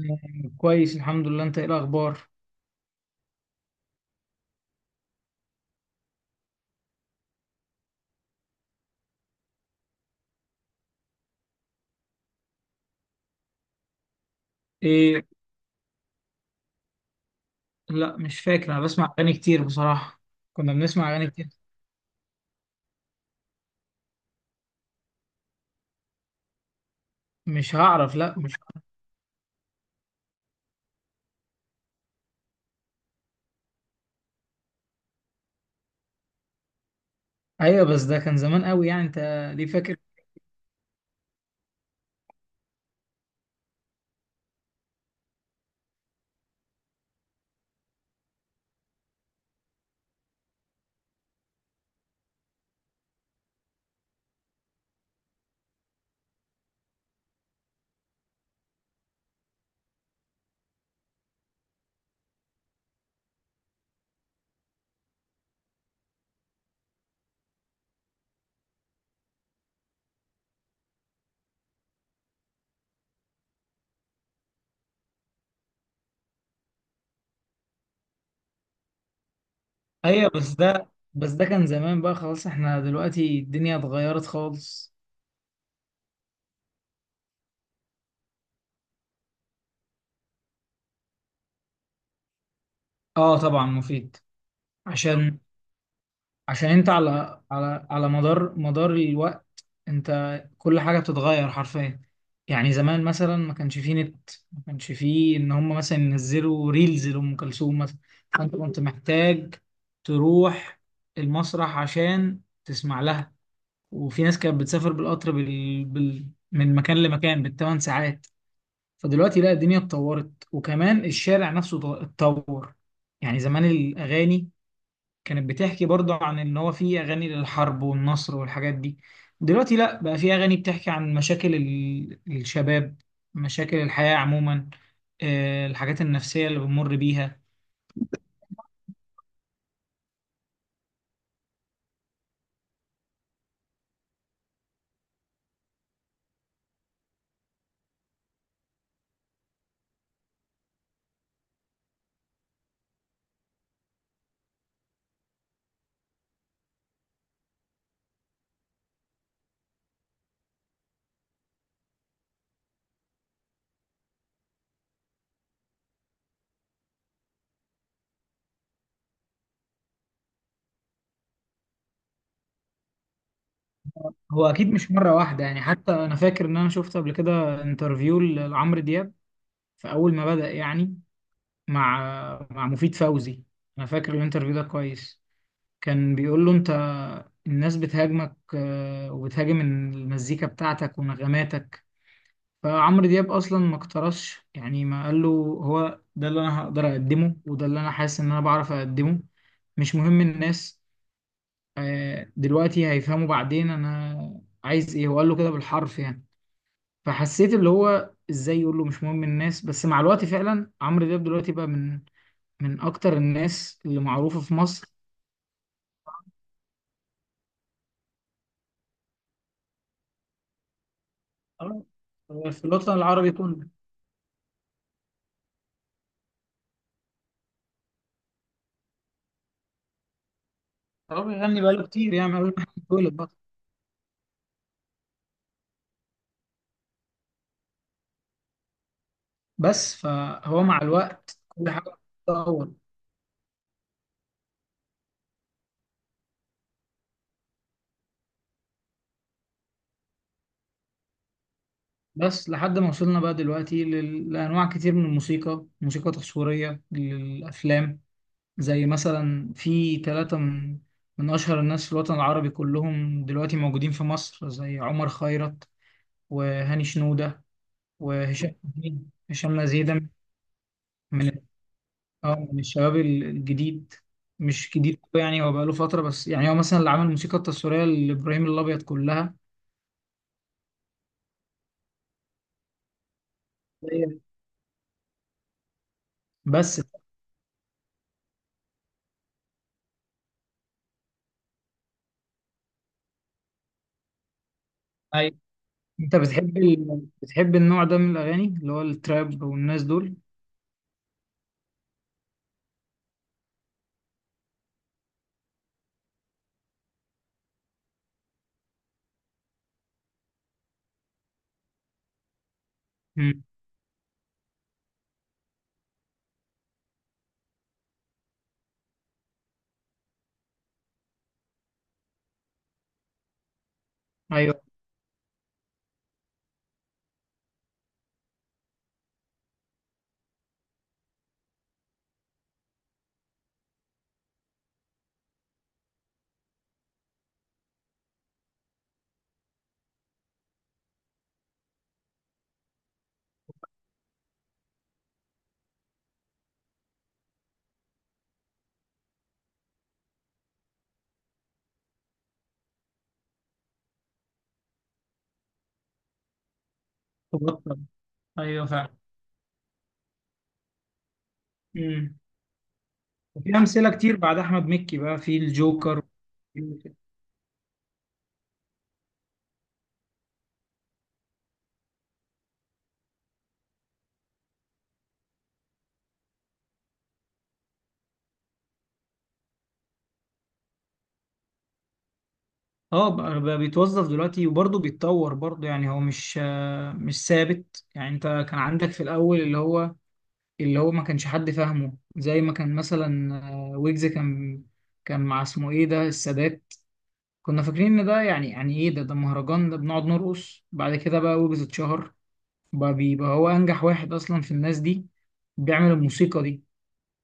كويس الحمد لله. انت ايه الاخبار؟ ايه؟ لا مش فاكر، انا بسمع اغاني كتير بصراحة. كنا بنسمع اغاني كتير. مش هعرف، لا مش هعرف. ايوه بس ده كان زمان قوي يعني انت. ليه فاكر؟ ايوه بس ده كان زمان بقى، خلاص احنا دلوقتي الدنيا اتغيرت خالص. اه طبعا مفيد. عشان عشان انت على على مدار الوقت انت كل حاجة بتتغير حرفيا. يعني زمان مثلا ما كانش فيه نت، ما كانش فيه ان هم مثلا ينزلوا ريلز لأم كلثوم مثلا، فانت كنت محتاج تروح المسرح عشان تسمع لها. وفي ناس كانت بتسافر بالقطر من مكان لمكان بال8 ساعات. فدلوقتي لا، الدنيا اتطورت وكمان الشارع نفسه اتطور. يعني زمان الأغاني كانت بتحكي برضه عن ان هو في اغاني للحرب والنصر والحاجات دي. دلوقتي لا، بقى في اغاني بتحكي عن مشاكل الشباب، مشاكل الحياة عموما، الحاجات النفسية اللي بنمر بيها. هو اكيد مش مرة واحدة، يعني حتى انا فاكر ان انا شفت قبل كده انترفيو لعمرو دياب في اول ما بدأ، يعني مع مع مفيد فوزي. انا فاكر الانترفيو ده كويس. كان بيقول له انت الناس بتهاجمك وبتهاجم المزيكا بتاعتك ونغماتك، فعمرو دياب اصلا ما اقترصش، يعني ما قال له هو ده اللي انا هقدر اقدمه وده اللي انا حاسس ان انا بعرف اقدمه، مش مهم الناس دلوقتي، هيفهموا بعدين انا عايز ايه. هو قال له كده بالحرف يعني، فحسيت اللي هو ازاي يقول له مش مهم الناس، بس مع الوقت فعلا عمرو دياب دلوقتي بقى من اكتر الناس اللي معروفة في مصر، في الوطن العربي كله. هو بيغني بقاله كتير يعني من قبل ما يتولد. بس فهو مع الوقت كل حاجة بتتطور. بس لحد ما وصلنا بقى دلوقتي لأنواع كتير من الموسيقى، موسيقى تصويرية للأفلام زي مثلا في ثلاثة من أشهر الناس في الوطن العربي كلهم دلوقتي موجودين في مصر، زي عمر خيرت وهاني شنودة وهشام نزيه. هشام نزيه ده من اه من الشباب الجديد. مش جديد أوي يعني، هو بقاله فترة، بس يعني هو مثلا اللي عمل الموسيقى التصويرية لإبراهيم الأبيض كلها. أيوة. بس انت بتحب بتحب النوع ده من الاغاني اللي هو التراب والناس دول؟ امم. ايوه، تبطل. ايوه فعلا. امم. وفي امثله كتير بعد احمد مكي بقى، في الجوكر. اه، بقى بيتوظف دلوقتي وبرضه بيتطور برضه، يعني هو مش مش ثابت. يعني انت كان عندك في الاول اللي هو اللي هو ما كانش حد فاهمه، زي ما كان مثلا ويجز، كان مع اسمه ايه ده، السادات. كنا فاكرين ان ده يعني ايه ده مهرجان ده بنقعد نرقص. بعد كده بقى ويجز اتشهر، بقى بيبقى هو أنجح واحد أصلا في الناس دي بيعمل الموسيقى دي،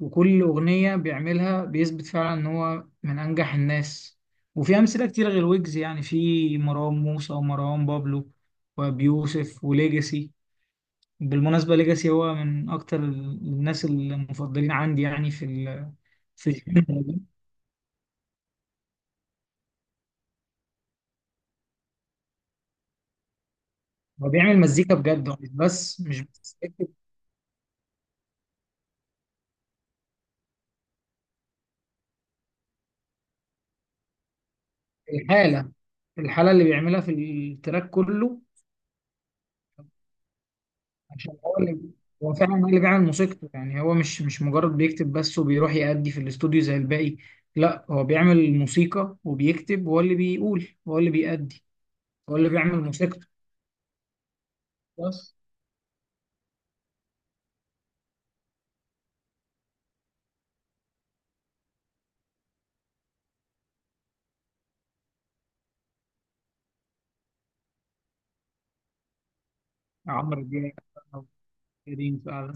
وكل أغنية بيعملها بيثبت فعلا إن هو من أنجح الناس. وفي أمثلة كتير غير ويجز، يعني في مروان موسى ومروان بابلو وبيوسف وليجاسي. بالمناسبة ليجاسي هو من أكتر الناس المفضلين عندي، يعني في ال في الجنة دي. هو بيعمل مزيكا بجد، هو مش بس بيكتب، الحالة الحالة اللي بيعملها في التراك كله، عشان هو اللي هو فعلا هو اللي بيعمل موسيقته. يعني هو مش مجرد بيكتب بس وبيروح يأدي في الاستوديو زي الباقي، لا، هو بيعمل موسيقى وبيكتب، هو اللي بيقول هو اللي بيأدي، هو اللي بيعمل موسيقته. بس عمرو دياب أو كريم فعلا.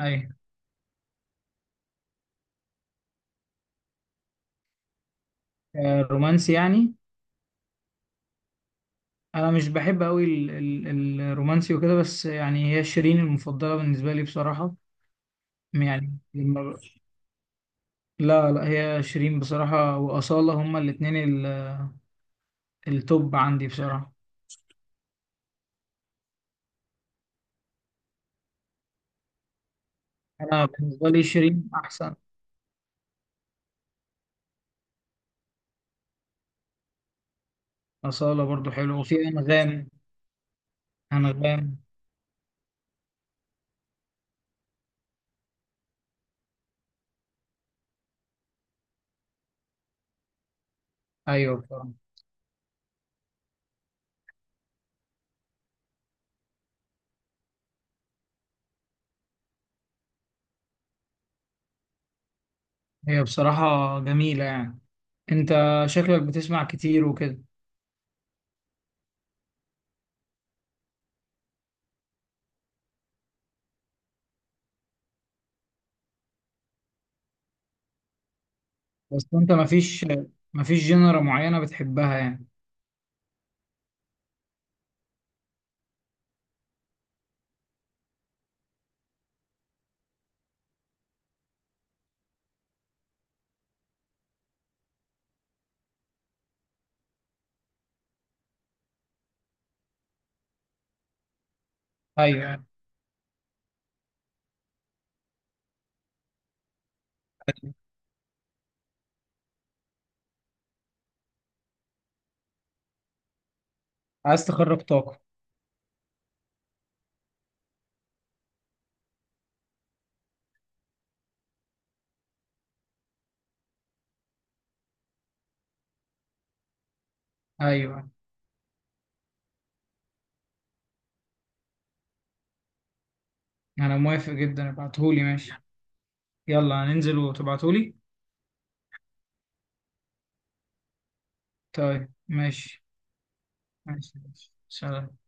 أيوة. رومانسي يعني؟ أنا مش بحب أوي الرومانسي وكده، بس يعني هي شيرين المفضلة بالنسبة لي بصراحة، يعني لما- لا لا، هي شيرين بصراحة وأصالة، هما الاتنين ال- التوب عندي بصراحة. انا بالنسبه لي شيرين احسن. اصاله برضو حلوه، وفي انغام. انغام. ايوه بصراحه. هي بصراحه جميله يعني. انت شكلك بتسمع كتير وكده. بس انت مفيش جنرا معينه بتحبها يعني؟ ايوه، عايز تخرج طاقه. ايوه، انا موافق جدا، ابعتهولي ماشي. يلا هننزل وتبعتهولي. طيب ماشي. ماشي ماشي. سلام.